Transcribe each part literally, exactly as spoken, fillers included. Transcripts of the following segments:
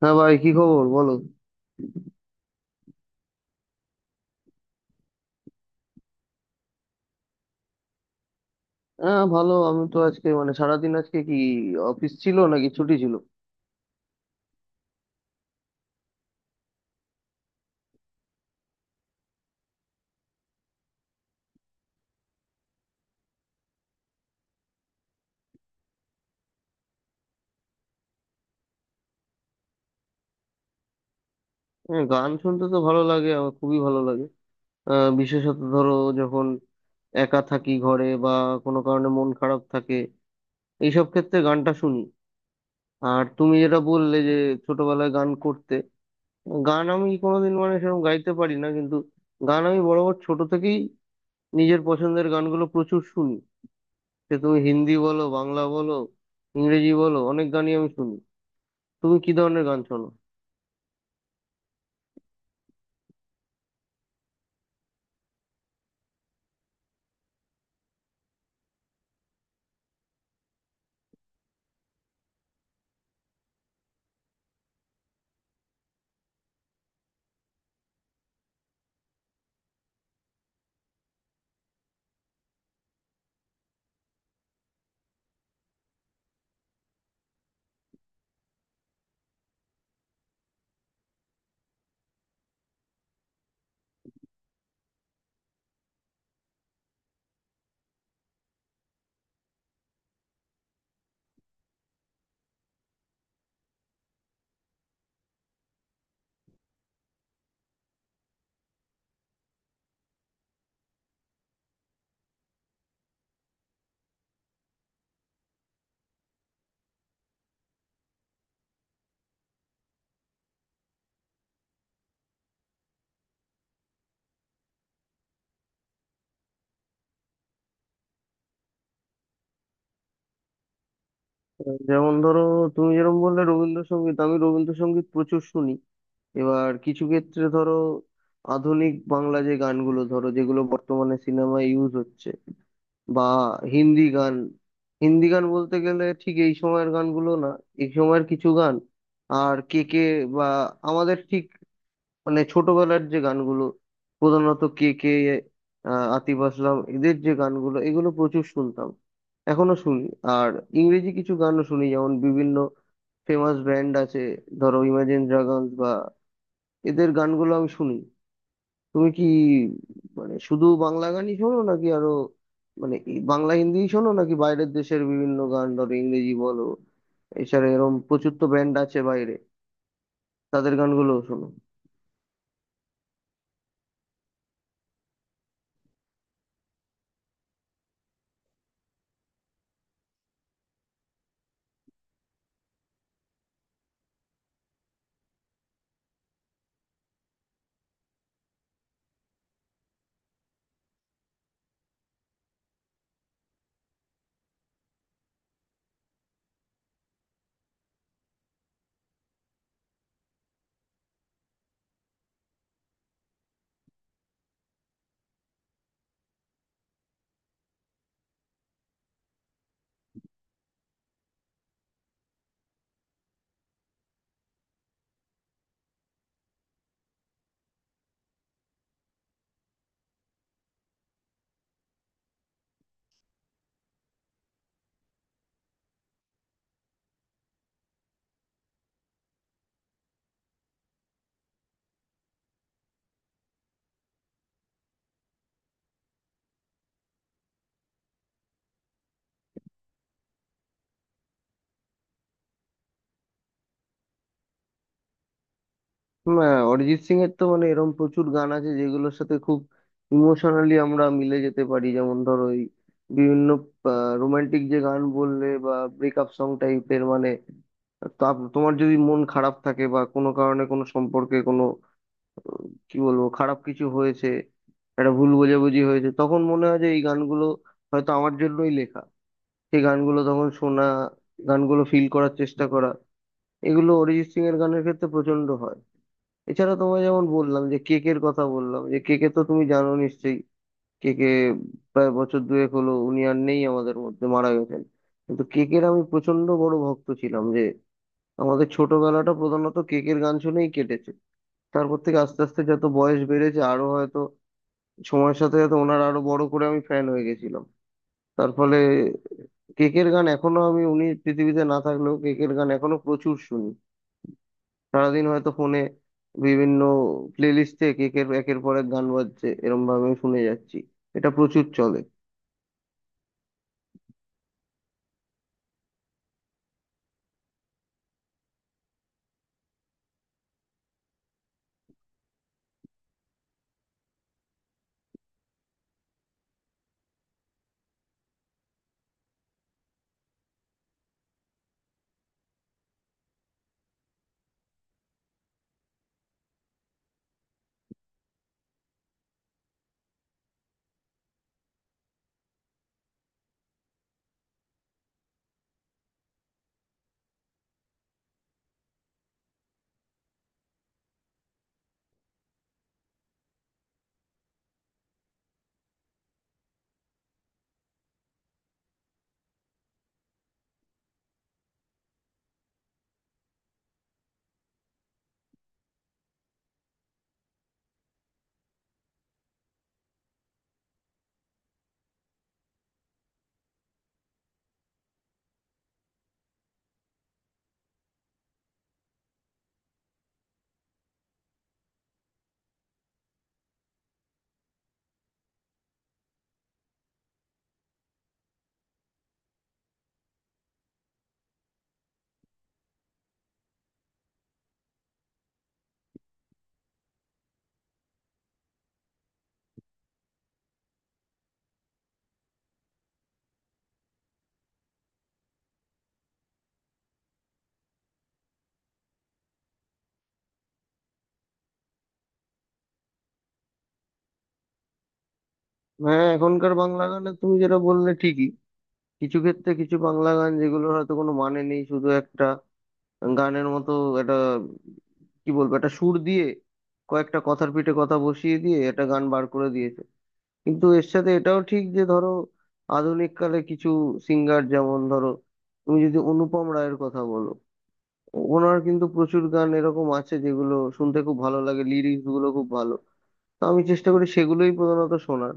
হ্যাঁ ভাই, কি খবর বলো? হ্যাঁ ভালো। আমি তো আজকে মানে সারাদিন আজকে কি অফিস ছিল নাকি ছুটি ছিল? হ্যাঁ, গান শুনতে তো ভালো লাগে, আমার খুবই ভালো লাগে। আহ, বিশেষত ধরো, যখন একা থাকি ঘরে, বা কোনো কারণে মন খারাপ থাকে, এইসব ক্ষেত্রে গানটা শুনি। আর তুমি যেটা বললে যে ছোটবেলায় গান করতে, গান আমি কোনোদিন মানে সেরকম গাইতে পারি না, কিন্তু গান আমি বরাবর ছোট থেকেই নিজের পছন্দের গানগুলো প্রচুর শুনি। সে তুমি হিন্দি বলো, বাংলা বলো, ইংরেজি বলো, অনেক গানই আমি শুনি। তুমি কি ধরনের গান শোনো? যেমন ধরো, তুমি যেরকম বললে রবীন্দ্রসঙ্গীত, আমি রবীন্দ্রসঙ্গীত প্রচুর শুনি। এবার কিছু ক্ষেত্রে ধরো, আধুনিক বাংলা যে গানগুলো, ধরো যেগুলো বর্তমানে সিনেমায় ইউজ হচ্ছে, বা হিন্দি গান। হিন্দি গান বলতে গেলে ঠিক এই সময়ের গানগুলো না, এই সময়ের কিছু গান, আর কে কে, বা আমাদের ঠিক মানে ছোটবেলার যে গানগুলো, প্রধানত কে কে, আহ, আতিফ আসলাম, এদের যে গানগুলো এগুলো প্রচুর শুনতাম, এখনো শুনি। আর ইংরেজি কিছু গানও শুনি, যেমন বিভিন্ন ফেমাস ব্যান্ড আছে, ধরো ইমাজিন ড্রাগনস, বা এদের গানগুলো আমি শুনি। তুমি কি মানে শুধু বাংলা গানই শোনো, নাকি আরো মানে এই বাংলা হিন্দিই শোনো, নাকি বাইরের দেশের বিভিন্ন গান, ধরো ইংরেজি বলো, এছাড়া এরকম প্রচুর তো ব্যান্ড আছে বাইরে, তাদের গানগুলোও শোনো? হুম, হ্যাঁ, অরিজিৎ সিং এর তো মানে এরকম প্রচুর গান আছে যেগুলোর সাথে খুব ইমোশনালি আমরা মিলে যেতে পারি। যেমন ধরো ওই বিভিন্ন রোমান্টিক যে গান বললে, বা ব্রেকআপ সং টাইপের, মানে তা, তোমার যদি মন খারাপ থাকে, বা কোনো কারণে কোনো সম্পর্কে কোনো আহ, কি বলবো খারাপ কিছু হয়েছে, একটা ভুল বোঝাবুঝি হয়েছে, তখন মনে হয় যে এই গানগুলো হয়তো আমার জন্যই লেখা। সেই গানগুলো তখন শোনা, গানগুলো ফিল করার চেষ্টা করা, এগুলো অরিজিৎ সিং এর গানের ক্ষেত্রে প্রচন্ড হয়। এছাড়া তোমায় যেমন বললাম যে কেকের কথা, বললাম যে কেকে তো তুমি জানো নিশ্চয়ই। কেকে প্রায় বছর দুয়েক হলো উনি আর নেই আমাদের মধ্যে, মারা গেছেন। কিন্তু কেকের আমি প্রচন্ড বড় ভক্ত ছিলাম, যে আমাদের ছোটবেলাটা প্রধানত কেকের গান শুনেই কেটেছে। তারপর থেকে আস্তে আস্তে যত বয়স বেড়েছে, আরো হয়তো সময়ের সাথে সাথে ওনার আরো বড় করে আমি ফ্যান হয়ে গেছিলাম। তার ফলে কেকের গান এখনো আমি, উনি পৃথিবীতে না থাকলেও কেকের গান এখনো প্রচুর শুনি। সারাদিন হয়তো ফোনে বিভিন্ন প্লে লিস্টে কেকের একের পর এক গান বাজছে, এরম ভাবে আমি শুনে যাচ্ছি, এটা প্রচুর চলে। হ্যাঁ, এখনকার বাংলা গানে তুমি যেটা বললে ঠিকই। কিছু ক্ষেত্রে কিছু বাংলা গান যেগুলো হয়তো কোনো মানে নেই, শুধু একটা গানের মতো একটা কি বলবো একটা সুর দিয়ে কয়েকটা কথার পিঠে কথা বসিয়ে দিয়ে একটা গান বার করে দিয়েছে। কিন্তু এর সাথে এটাও ঠিক যে ধরো আধুনিক কালে কিছু সিঙ্গার, যেমন ধরো তুমি যদি অনুপম রায়ের কথা বলো, ওনার কিন্তু প্রচুর গান এরকম আছে যেগুলো শুনতে খুব ভালো লাগে, লিরিক্স গুলো খুব ভালো। তো আমি চেষ্টা করি সেগুলোই প্রধানত শোনার।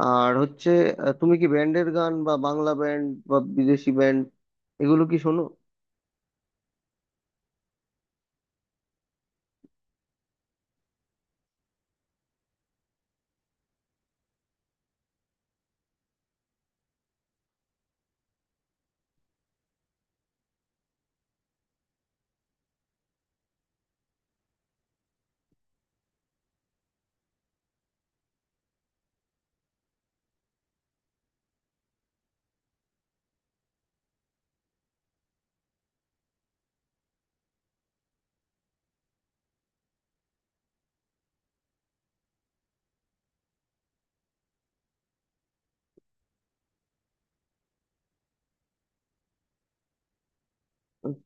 আর হচ্ছে, আহ, তুমি কি ব্যান্ডের গান, বা বাংলা ব্যান্ড বা বিদেশি ব্যান্ড, এগুলো কি শোনো?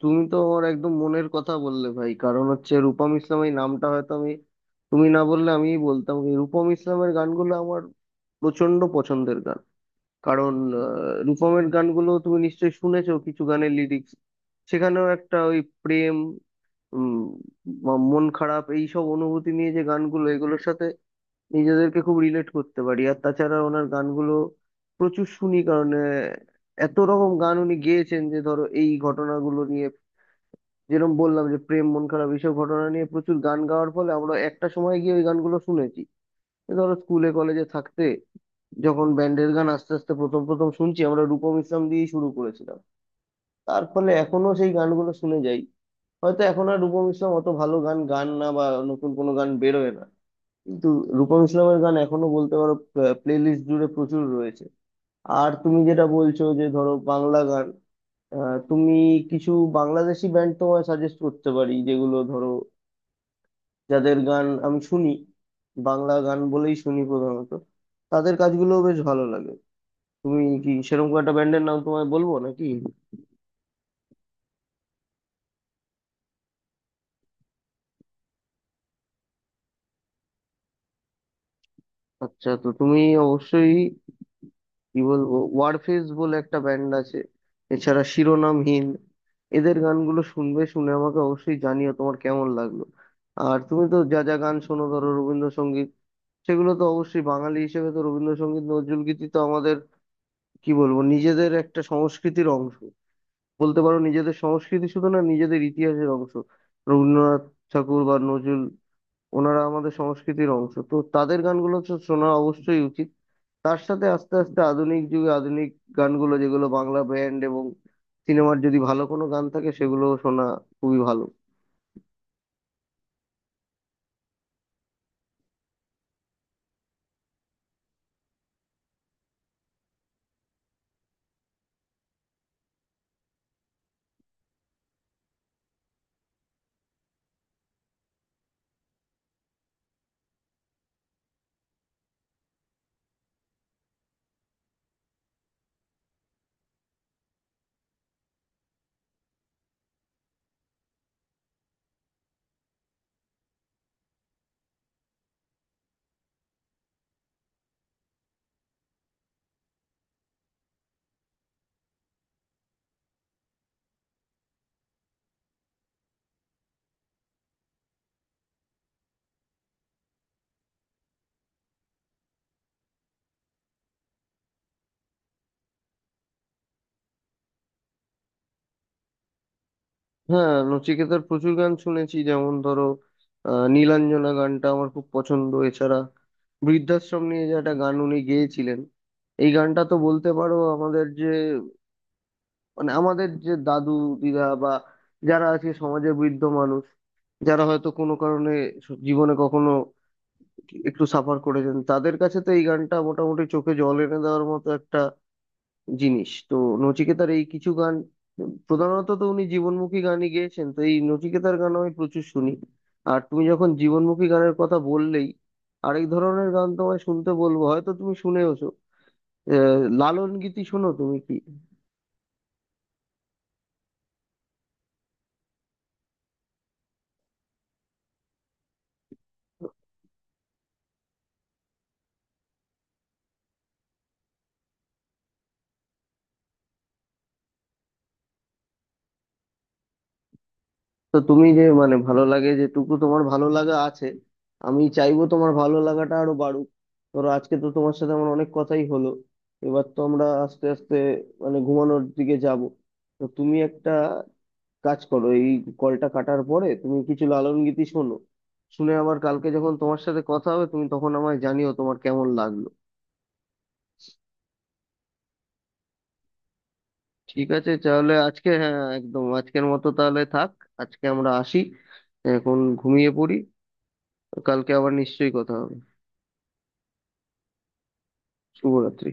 তুমি তো আমার একদম মনের কথা বললে ভাই। কারণ হচ্ছে রূপম ইসলাম, এই নামটা হয়তো আমি, তুমি না বললে আমিই বলতাম। এই রূপম ইসলামের গানগুলো আমার প্রচন্ড পছন্দের গান। কারণ আহ, রূপমের গানগুলো তুমি নিশ্চয়ই শুনেছো কিছু গানের লিরিক্স। সেখানেও একটা ওই প্রেম, উম ম- মন খারাপ, এইসব অনুভূতি নিয়ে যে গানগুলো, এগুলোর সাথে নিজেদেরকে খুব রিলেট করতে পারি। আর তাছাড়া ওনার গানগুলো প্রচুর শুনি, কারণ আহ, এত রকম গান উনি গেয়েছেন যে ধরো এই ঘটনাগুলো নিয়ে, যেরকম বললাম যে প্রেম, মন খারাপ, এইসব ঘটনা নিয়ে প্রচুর গান গাওয়ার ফলে আমরা একটা সময় গিয়ে ওই গানগুলো শুনেছি। তো ধরো স্কুলে কলেজে থাকতে যখন ব্যান্ডের গান আস্তে আস্তে প্রথম প্রথম শুনছি, আমরা রূপম ইসলাম দিয়েই শুরু করেছিলাম। তার ফলে এখনো সেই গানগুলো শুনে যাই। হয়তো এখন আর রূপম ইসলাম অত ভালো গান গান না, বা নতুন কোনো গান বেরোয় না, কিন্তু রূপম ইসলামের গান এখনো বলতে পারো প্লে লিস্ট জুড়ে প্রচুর রয়েছে। আর তুমি যেটা বলছো যে ধরো বাংলা গান, আহ, তুমি কিছু বাংলাদেশি ব্যান্ড তোমায় সাজেস্ট করতে পারি, যেগুলো ধরো, যাদের গান আমি শুনি, বাংলা গান বলেই শুনি প্রধানত, তাদের কাজগুলো বেশ ভালো লাগে। তুমি কি সেরকম কোনো একটা ব্যান্ডের নাম তোমায় বলবো নাকি? আচ্ছা, তো তুমি অবশ্যই কি বলবো, ওয়ারফেজ বলে একটা ব্যান্ড আছে, এছাড়া শিরোনামহীন, এদের গানগুলো শুনবে। শুনে আমাকে অবশ্যই জানিও তোমার কেমন লাগলো। আর তুমি তো যা যা গান শোনো ধরো রবীন্দ্রসঙ্গীত, সেগুলো তো অবশ্যই বাঙালি হিসেবে তো রবীন্দ্রসঙ্গীত, নজরুলগীতি তো আমাদের কি বলবো নিজেদের একটা সংস্কৃতির অংশ। বলতে পারো নিজেদের সংস্কৃতি শুধু না, নিজেদের ইতিহাসের অংশ। রবীন্দ্রনাথ ঠাকুর বা নজরুল, ওনারা আমাদের সংস্কৃতির অংশ, তো তাদের গানগুলো তো শোনা অবশ্যই উচিত। তার সাথে আস্তে আস্তে আধুনিক যুগে আধুনিক গানগুলো, যেগুলো বাংলা ব্যান্ড এবং সিনেমার যদি ভালো কোনো গান থাকে, সেগুলো শোনা খুবই ভালো। হ্যাঁ, নচিকেতার প্রচুর গান শুনেছি। যেমন ধরো, আহ, নীলাঞ্জনা গানটা আমার খুব পছন্দ। এছাড়া বৃদ্ধাশ্রম নিয়ে যে একটা গান উনি গেয়েছিলেন, এই গানটা তো বলতে পারো আমাদের যে মানে আমাদের যে দাদু দিদা, বা যারা আছে সমাজে বৃদ্ধ মানুষ, যারা হয়তো কোনো কারণে স- জীবনে কখনো একটু সাফার করেছেন, তাদের কাছে তো এই গানটা মোটামুটি চোখে জল এনে দেওয়ার মতো একটা জিনিস। তো নচিকেতার এই কিছু গান, প্রধানত তো উনি জীবনমুখী গানই গেয়েছেন, তো এই নচিকেতার গানও আমি প্রচুর শুনি। আর তুমি যখন জীবনমুখী গানের কথা বললেই, আরেক ধরনের গান তোমায় শুনতে বলবো, হয়তো তুমি শুনেওছো। আহ লালন গীতি শোনো তুমি কি? তো তুমি যে মানে ভালো লাগে, যেটুকু তোমার ভালো লাগা আছে, আমি চাইবো তোমার ভালো লাগাটা আরো বাড়ুক। ধরো আজকে তো তোমার সাথে আমার অনেক কথাই হলো। এবার তো আমরা আস্তে আস্তে মানে ঘুমানোর দিকে যাব। তো তুমি একটা কাজ করো, এই কলটা কাটার পরে তুমি কিছু লালন গীতি শোনো। শুনে আবার কালকে যখন তোমার সাথে কথা হবে, তুমি তখন আমায় জানিও তোমার কেমন লাগলো। ঠিক আছে তাহলে আজকে, হ্যাঁ একদম আজকের মতো তাহলে থাক। আজকে আমরা আসি, এখন ঘুমিয়ে পড়ি। কালকে আবার নিশ্চয়ই কথা হবে। শুভরাত্রি।